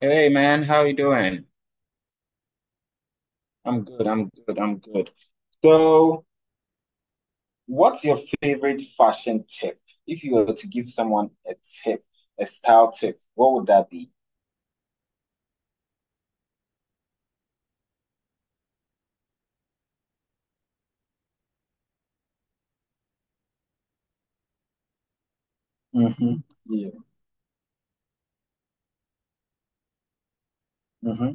Hey man, how you doing? I'm good. So, what's your favorite fashion tip? If you were to give someone a tip, a style tip, what would that be? Mm-hmm. Yeah. Mm-hmm.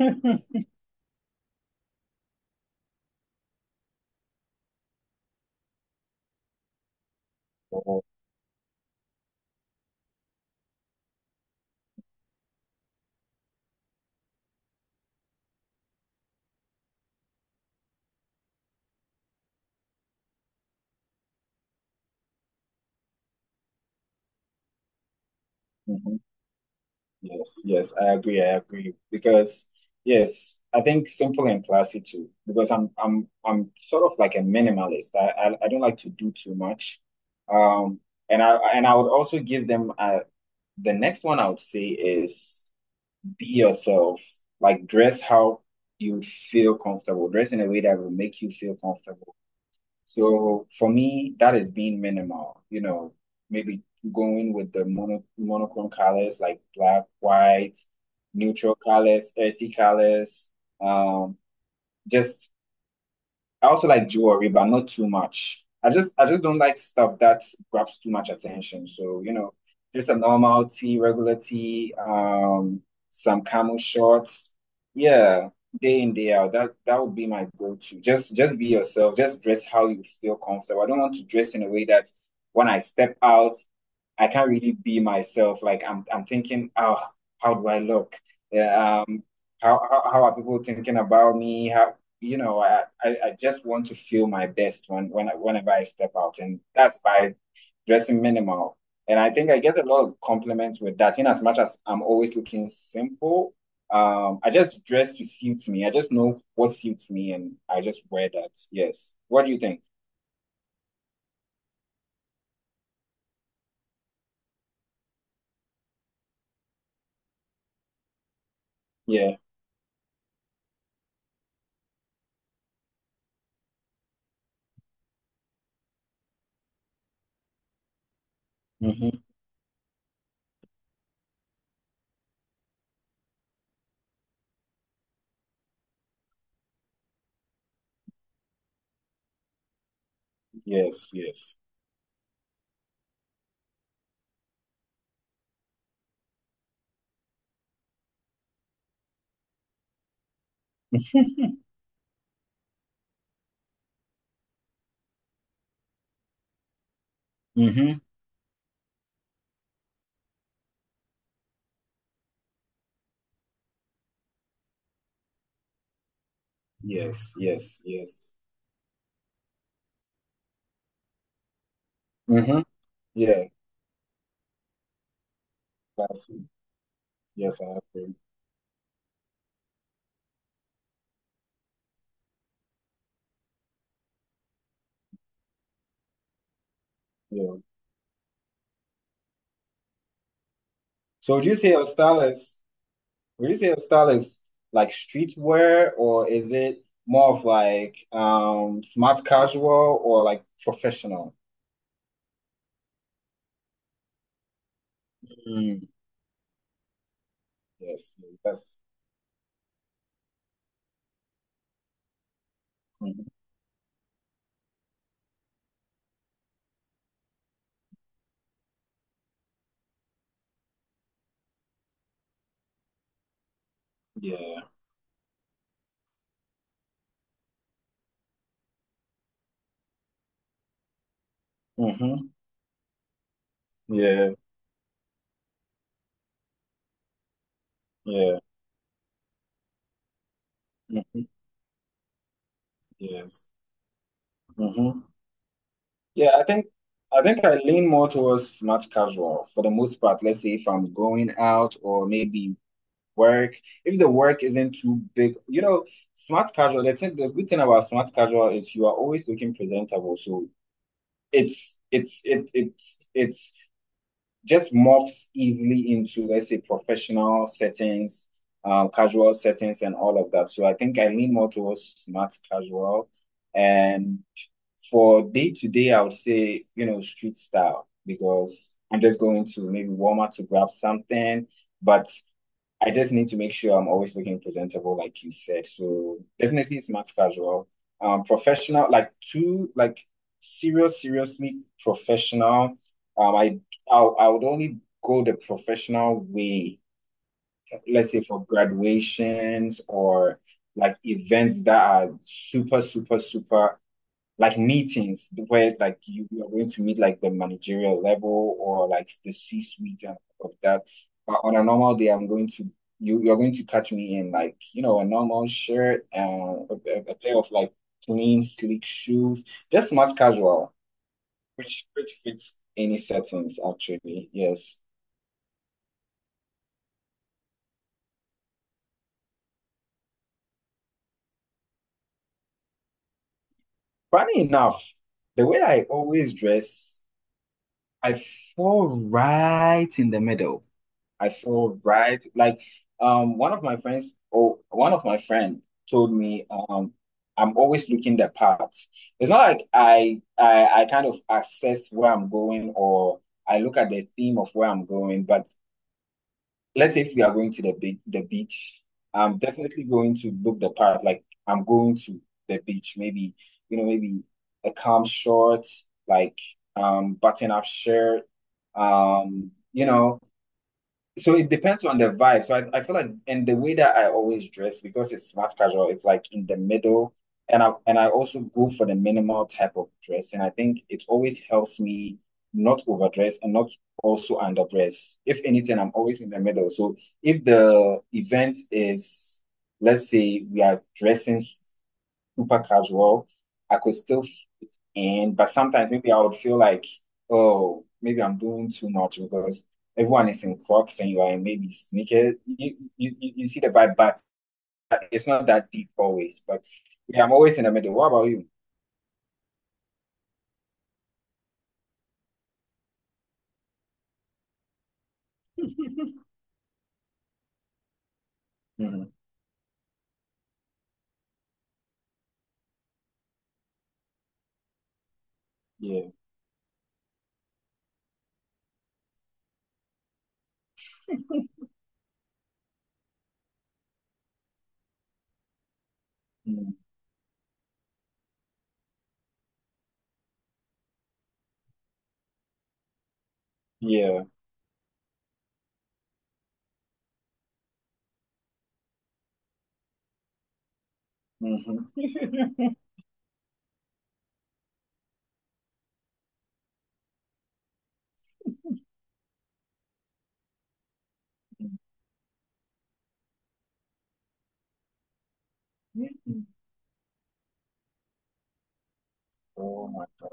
Mm-hmm. Oh, mhm. Yes, yes, I agree, I agree. Because yes, I think simple and classy too. Because I'm sort of like a minimalist. I don't like to do too much. Um, and I would also give the next one I would say is be yourself. Like dress how you feel comfortable. Dress in a way that will make you feel comfortable. So for me, that is being minimal. You know, maybe going with the monochrome colors like black, white, neutral colors, earthy colors. Um, just I also like jewelry, but not too much. I just don't like stuff that grabs too much attention. So, just a normal tee, regular tee, some camel shorts. Yeah, day in, day out. That would be my go-to. Just be yourself. Just dress how you feel comfortable. I don't want to dress in a way that when I step out, I can't really be myself. Like I'm thinking, oh, how do I look? Yeah, how are people thinking about me? How I just want to feel my best when whenever I step out, and that's by dressing minimal. And I think I get a lot of compliments with that. In as much as I'm always looking simple, I just dress to suit me. I just know what suits me, and I just wear that. Yes. What do you think? Yeah. Hmm. Yes. Yes. Hmm. Yes. Yes. Yes. Hmm. Yeah. That's it. Yes, I agree. Yeah. So would you say your style is Retail style is like streetwear, or is it more of like smart casual or like professional? Mm, yes, yes, that's mhm, yeah. Mm-hmm. Yeah, yeah. Mm-hmm. Yes. Mm-hmm. Yeah, I think I lean more towards smart casual for the most part. Let's say if I'm going out or maybe work, if the work isn't too big, you know, smart casual, the good thing about smart casual is you are always looking presentable. So it's it, it's just morphs easily into, let's say, professional settings, casual settings, and all of that. So I think I lean more towards smart casual, and for day to day I would say, you know, street style, because I'm just going to maybe Walmart to grab something, but I just need to make sure I'm always looking presentable, like you said. So definitely smart casual. Professional, like too, like seriously professional. Um, I, I would only go the professional way. Let's say for graduations or like events that are super, super, super like meetings where like you are going to meet like the managerial level or like the C-suite and of that. But on a normal day, I'm going to you're going to catch me in like, you know, a normal shirt and a pair of like clean sleek shoes, just smart casual, which fits any settings actually. Yes. Funny enough, the way I always dress, I fall right in the middle. I feel right. Like one of my friends or one of my friend told me I'm always looking the part. It's not like I kind of assess where I'm going or I look at the theme of where I'm going, but let's say if we are going to the beach, I'm definitely going to book the part. Like I'm going to the beach, maybe, you know, maybe a calm short, like button up shirt, you know. So it depends on the vibe. So I feel like, and the way that I always dress, because it's smart casual, it's like in the middle. And I also go for the minimal type of dress. And I think it always helps me not overdress and not also underdress. If anything, I'm always in the middle. So if the event is, let's say we are dressing super casual. I could still fit in, but sometimes maybe I would feel like, oh, maybe I'm doing too much because everyone is in Crocs and you are in maybe sneakers. You see the vibe, but it's not that deep always. But yeah, I'm always in the middle. What about you? Hmm. Yeah. Mm. Yeah. Hmm. Oh my God.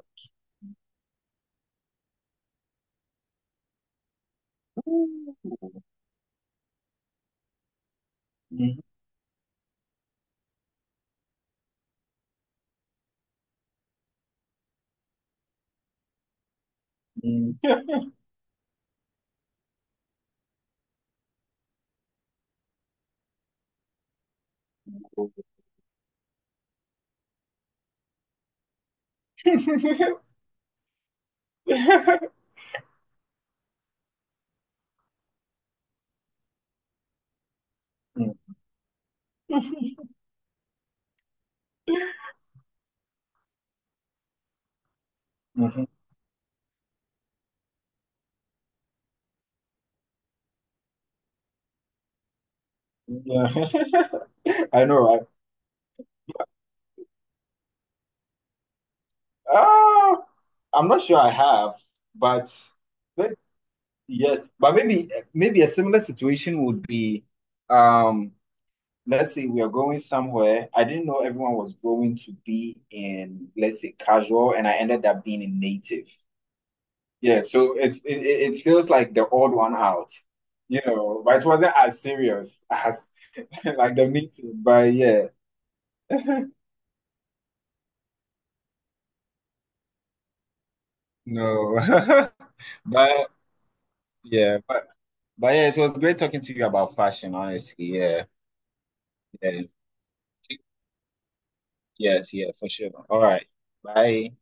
Ooh. Mhm. Mhm. Mhm. Yeah. I know, right? Uh, I'm not sure I have, but but yes, but maybe a similar situation would be, um, let's say we are going somewhere. I didn't know everyone was going to be in, let's say, casual, and I ended up being in native. Yeah, so it feels like the odd one out, you know. But it wasn't as serious as like the meeting. But yeah, no, but yeah, but. But yeah, it was great talking to you about fashion, honestly. Yeah, yeah, yes, yeah, for sure. All right, bye.